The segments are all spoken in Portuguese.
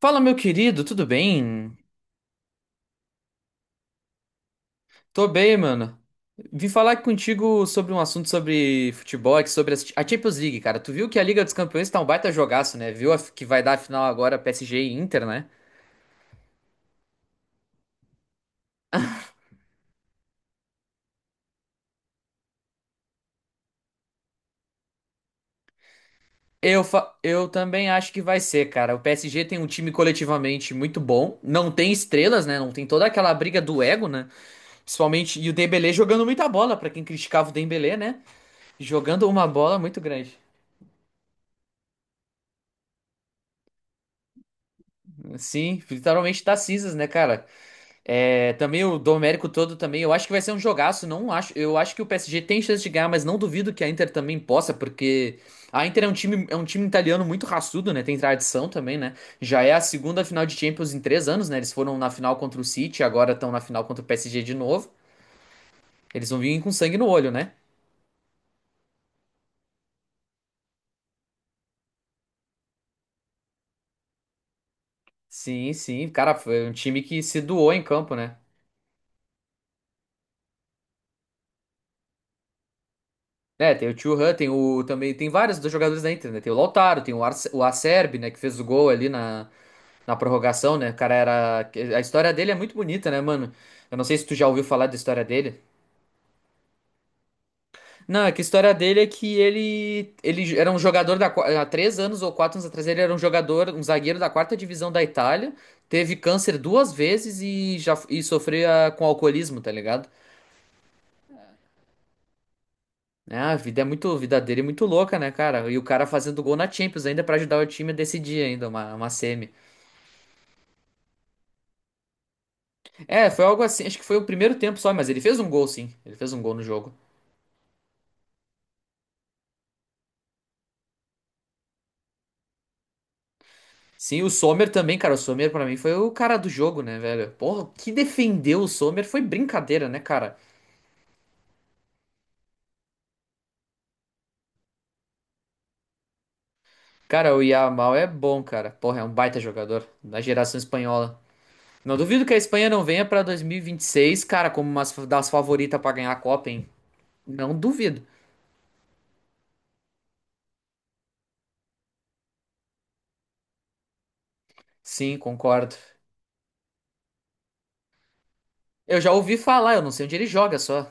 Fala, meu querido, tudo bem? Tô bem, mano. Vim falar contigo sobre um assunto sobre futebol, aqui, sobre a Champions League, cara. Tu viu que a Liga dos Campeões tá um baita jogaço, né? Viu que vai dar a final agora PSG e Inter, né? Eu também acho que vai ser, cara. O PSG tem um time coletivamente muito bom. Não tem estrelas, né? Não tem toda aquela briga do ego, né? Principalmente. E o Dembélé jogando muita bola, pra quem criticava o Dembélé, né? Jogando uma bola muito grande. Sim, literalmente tá cinzas, né, cara? É, também o Domérico todo também, eu acho que vai ser um jogaço, não acho, eu acho que o PSG tem chance de ganhar, mas não duvido que a Inter também possa, porque a Inter é um time italiano muito raçudo, né? Tem tradição também, né? Já é a segunda final de Champions em três anos, né? Eles foram na final contra o City, agora estão na final contra o PSG de novo. Eles vão vir com sangue no olho, né? Sim, sim, cara, foi um time que se doou em campo, né? É, tem o Thuram, tem o também tem vários dos jogadores da Inter, né? Tem o Lautaro, tem o, Arce, o Acerbi, né, que fez o gol ali na prorrogação, né? O cara era. A história dele é muito bonita, né, mano? Eu não sei se tu já ouviu falar da história dele. Não, é que a história dele é que ele. Ele era um jogador da. Há 3 anos ou 4 anos atrás, ele era um jogador, um zagueiro da quarta divisão da Itália. Teve câncer duas vezes e já e sofria com alcoolismo, tá ligado? É, a vida é muito. A vida dele é muito louca, né, cara? E o cara fazendo gol na Champions ainda pra ajudar o time a decidir ainda, uma semi. É, foi algo assim. Acho que foi o primeiro tempo só, mas ele fez um gol, sim. Ele fez um gol no jogo. Sim, o Sommer também, cara. O Sommer pra mim foi o cara do jogo, né, velho? Porra, o que defendeu o Sommer foi brincadeira, né, cara? Cara, o Yamal é bom, cara. Porra, é um baita jogador da geração espanhola. Não duvido que a Espanha não venha pra 2026, cara, como uma das favoritas pra ganhar a Copa, hein? Não duvido. Sim, concordo. Eu já ouvi falar, eu não sei onde ele joga só.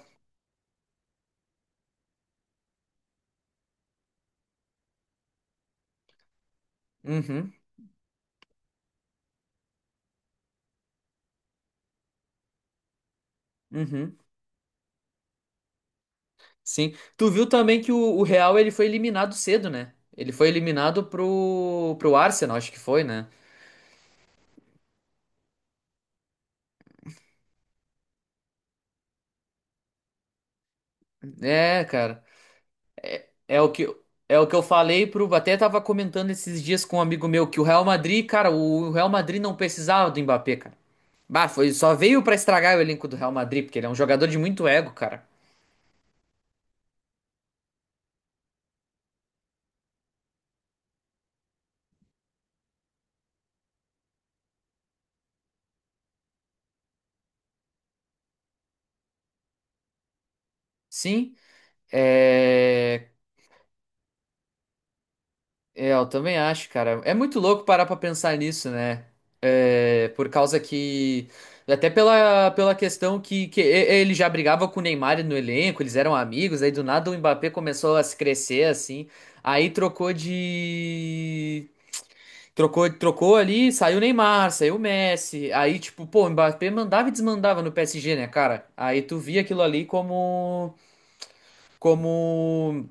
Uhum, uhum. Sim. Tu viu também que o Real ele foi eliminado cedo, né? Ele foi eliminado pro Arsenal, acho que foi, né? É, cara. É o que, é o que eu falei pro. Até tava comentando esses dias com um amigo meu que o Real Madrid, cara, o Real Madrid não precisava do Mbappé, cara. Bah, foi, só veio pra estragar o elenco do Real Madrid, porque ele é um jogador de muito ego, cara. Sim. É. É, eu também acho, cara. É muito louco parar pra pensar nisso, né? É, por causa que. Até pela, pela questão que, ele já brigava com o Neymar no elenco, eles eram amigos, aí do nada o Mbappé começou a se crescer assim. Aí trocou de. Trocou, trocou ali, saiu o Neymar, saiu o Messi. Aí, tipo, pô, o Mbappé mandava e desmandava no PSG, né, cara? Aí tu via aquilo ali como. Como.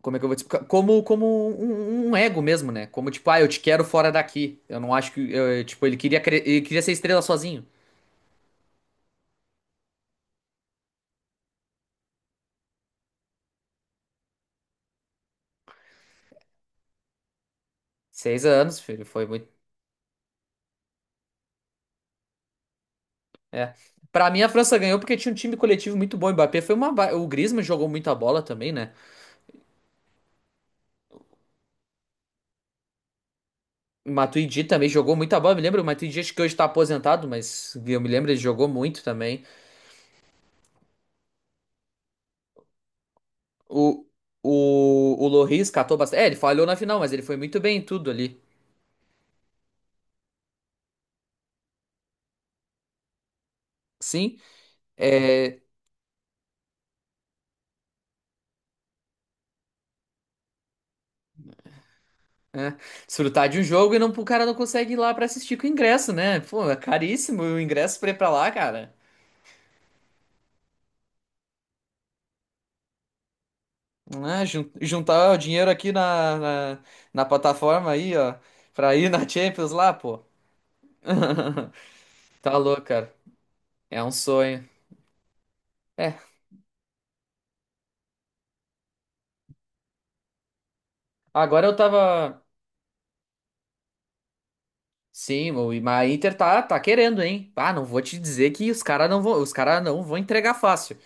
Como é que eu vou te explicar? Como, como um ego mesmo, né? Como tipo, ah, eu te quero fora daqui. Eu não acho que. Tipo, ele queria, ele queria ser estrela sozinho. Seis anos, filho, foi muito. É. Pra mim, a França ganhou porque tinha um time coletivo muito bom. O Mbappé foi uma. O Griezmann jogou muita bola também, né? O Matuidi também jogou muita bola. Eu me lembro, o Matuidi acho que hoje tá aposentado, mas eu me lembro, ele jogou muito também. O, o Lloris catou bastante. É, ele falhou na final, mas ele foi muito bem em tudo ali. Sim. É, é, desfrutar de um jogo e não, o cara não consegue ir lá pra assistir com o ingresso, né? Pô, é caríssimo o ingresso pra ir pra lá, cara. Né? Juntar o dinheiro aqui na, na plataforma aí, ó, pra ir na Champions lá, pô. Tá louco, cara. É um sonho. É, agora eu tava. Sim, o mas a Inter tá, tá querendo, hein? Ah, não vou te dizer que os caras não vão, os cara não vão entregar fácil.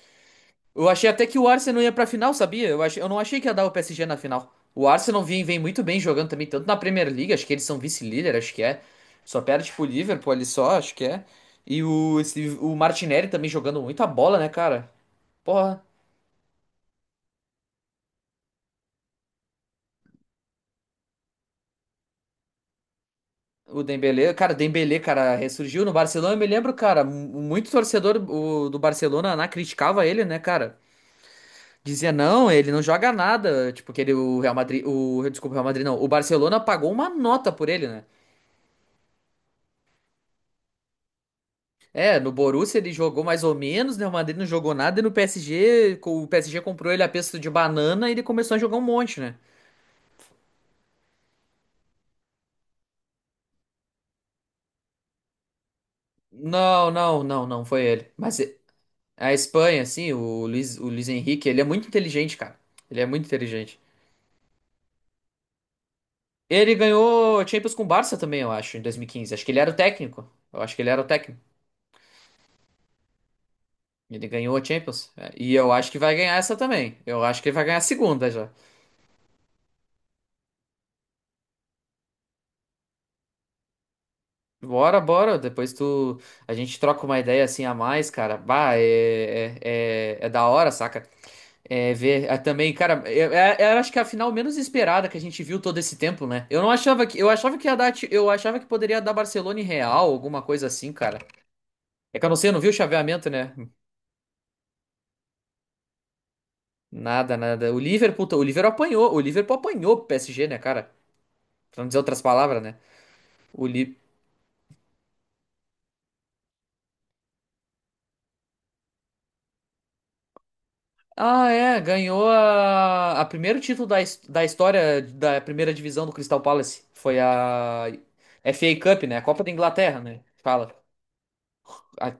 Eu achei até que o Arsenal ia pra final, sabia? Eu achei, eu não achei que ia dar o PSG na final. O Arsenal vem, vem muito bem jogando também, tanto na Premier League, acho que eles são vice-líder, acho que é. Só perde pro Liverpool ali só, acho que é. E o Martinelli também jogando muita bola, né, cara? Porra, o Dembélé, cara, ressurgiu no Barcelona, eu me lembro, cara, muito torcedor do Barcelona lá criticava ele, né, cara? Dizia, não, ele não joga nada, tipo, que ele, o Real Madrid, o, desculpa, o Real Madrid não, o Barcelona pagou uma nota por ele, né? É, no Borussia ele jogou mais ou menos, né? O Madrid não jogou nada, e no PSG, o PSG comprou ele a preço de banana e ele começou a jogar um monte, né? Não foi ele. Mas a Espanha, assim, o Luiz Henrique, ele é muito inteligente, cara. Ele é muito inteligente. Ele ganhou Champions com o Barça também, eu acho, em 2015. Acho que ele era o técnico. Eu acho que ele era o técnico. Ele ganhou a Champions. É, e eu acho que vai ganhar essa também. Eu acho que ele vai ganhar a segunda já. Bora, bora. Depois tu. A gente troca uma ideia assim a mais, cara. Bah, é da hora, saca? É ver é, também, cara. Eu acho que é a final menos esperada que a gente viu todo esse tempo, né? Eu não achava que. Eu achava que ia dar. Eu achava que poderia dar Barcelona e Real, alguma coisa assim, cara. É que eu não sei, eu não vi o chaveamento, né? Nada, nada. O Liverpool apanhou. O Liverpool apanhou pro PSG, né, cara? Pra não dizer outras palavras, né? O, Li... Ah, é, ganhou a primeiro título da, da história da primeira divisão do Crystal Palace. Foi a FA Cup, né? A Copa da Inglaterra, né? Fala. A-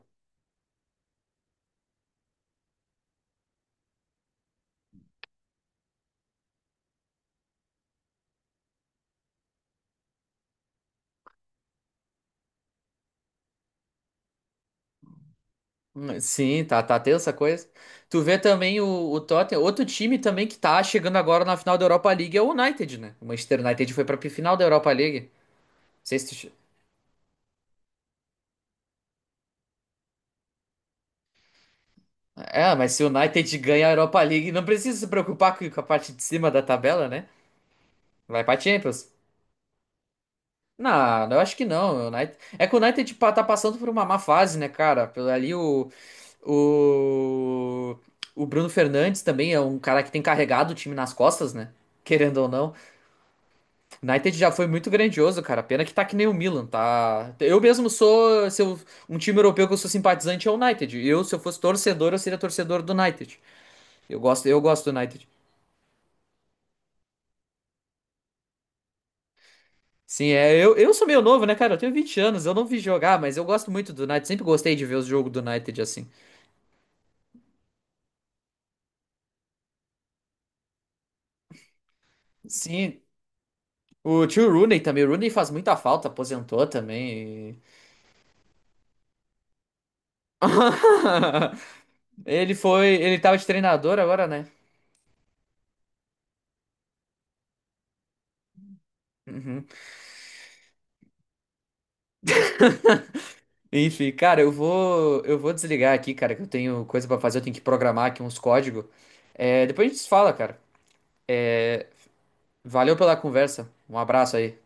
sim, tá, tá tensa a coisa. Tu vê também o Tottenham, outro time também que tá chegando agora na final da Europa League é o United, né? O Manchester United foi pra final da Europa League. Não sei se tu... che- É, mas se o United ganha a Europa League, não precisa se preocupar com a parte de cima da tabela, né? Vai pra Champions. Não, eu acho que não. O United... É que o United tá passando por uma má fase, né, cara? Pelo ali o. O Bruno Fernandes também é um cara que tem carregado o time nas costas, né? Querendo ou não. O United já foi muito grandioso, cara. Pena que tá que nem o Milan, tá? Eu mesmo sou. Se eu- um time europeu que eu sou simpatizante é o United. Eu, se eu fosse torcedor, eu seria torcedor do United. Eu gosto do United. Sim, é, eu sou meio novo, né, cara? Eu tenho 20 anos, eu não vi jogar, mas eu gosto muito do United. Sempre gostei de ver os jogos do United assim. Sim, o tio Rooney também. O Rooney faz muita falta, aposentou também. E- Ele foi, ele tava de treinador agora, né? Uhum. Enfim, cara, eu vou desligar aqui, cara, que eu tenho coisa pra fazer, eu tenho que programar aqui uns códigos. É, depois a gente se fala, cara. Valeu pela conversa. Um abraço aí.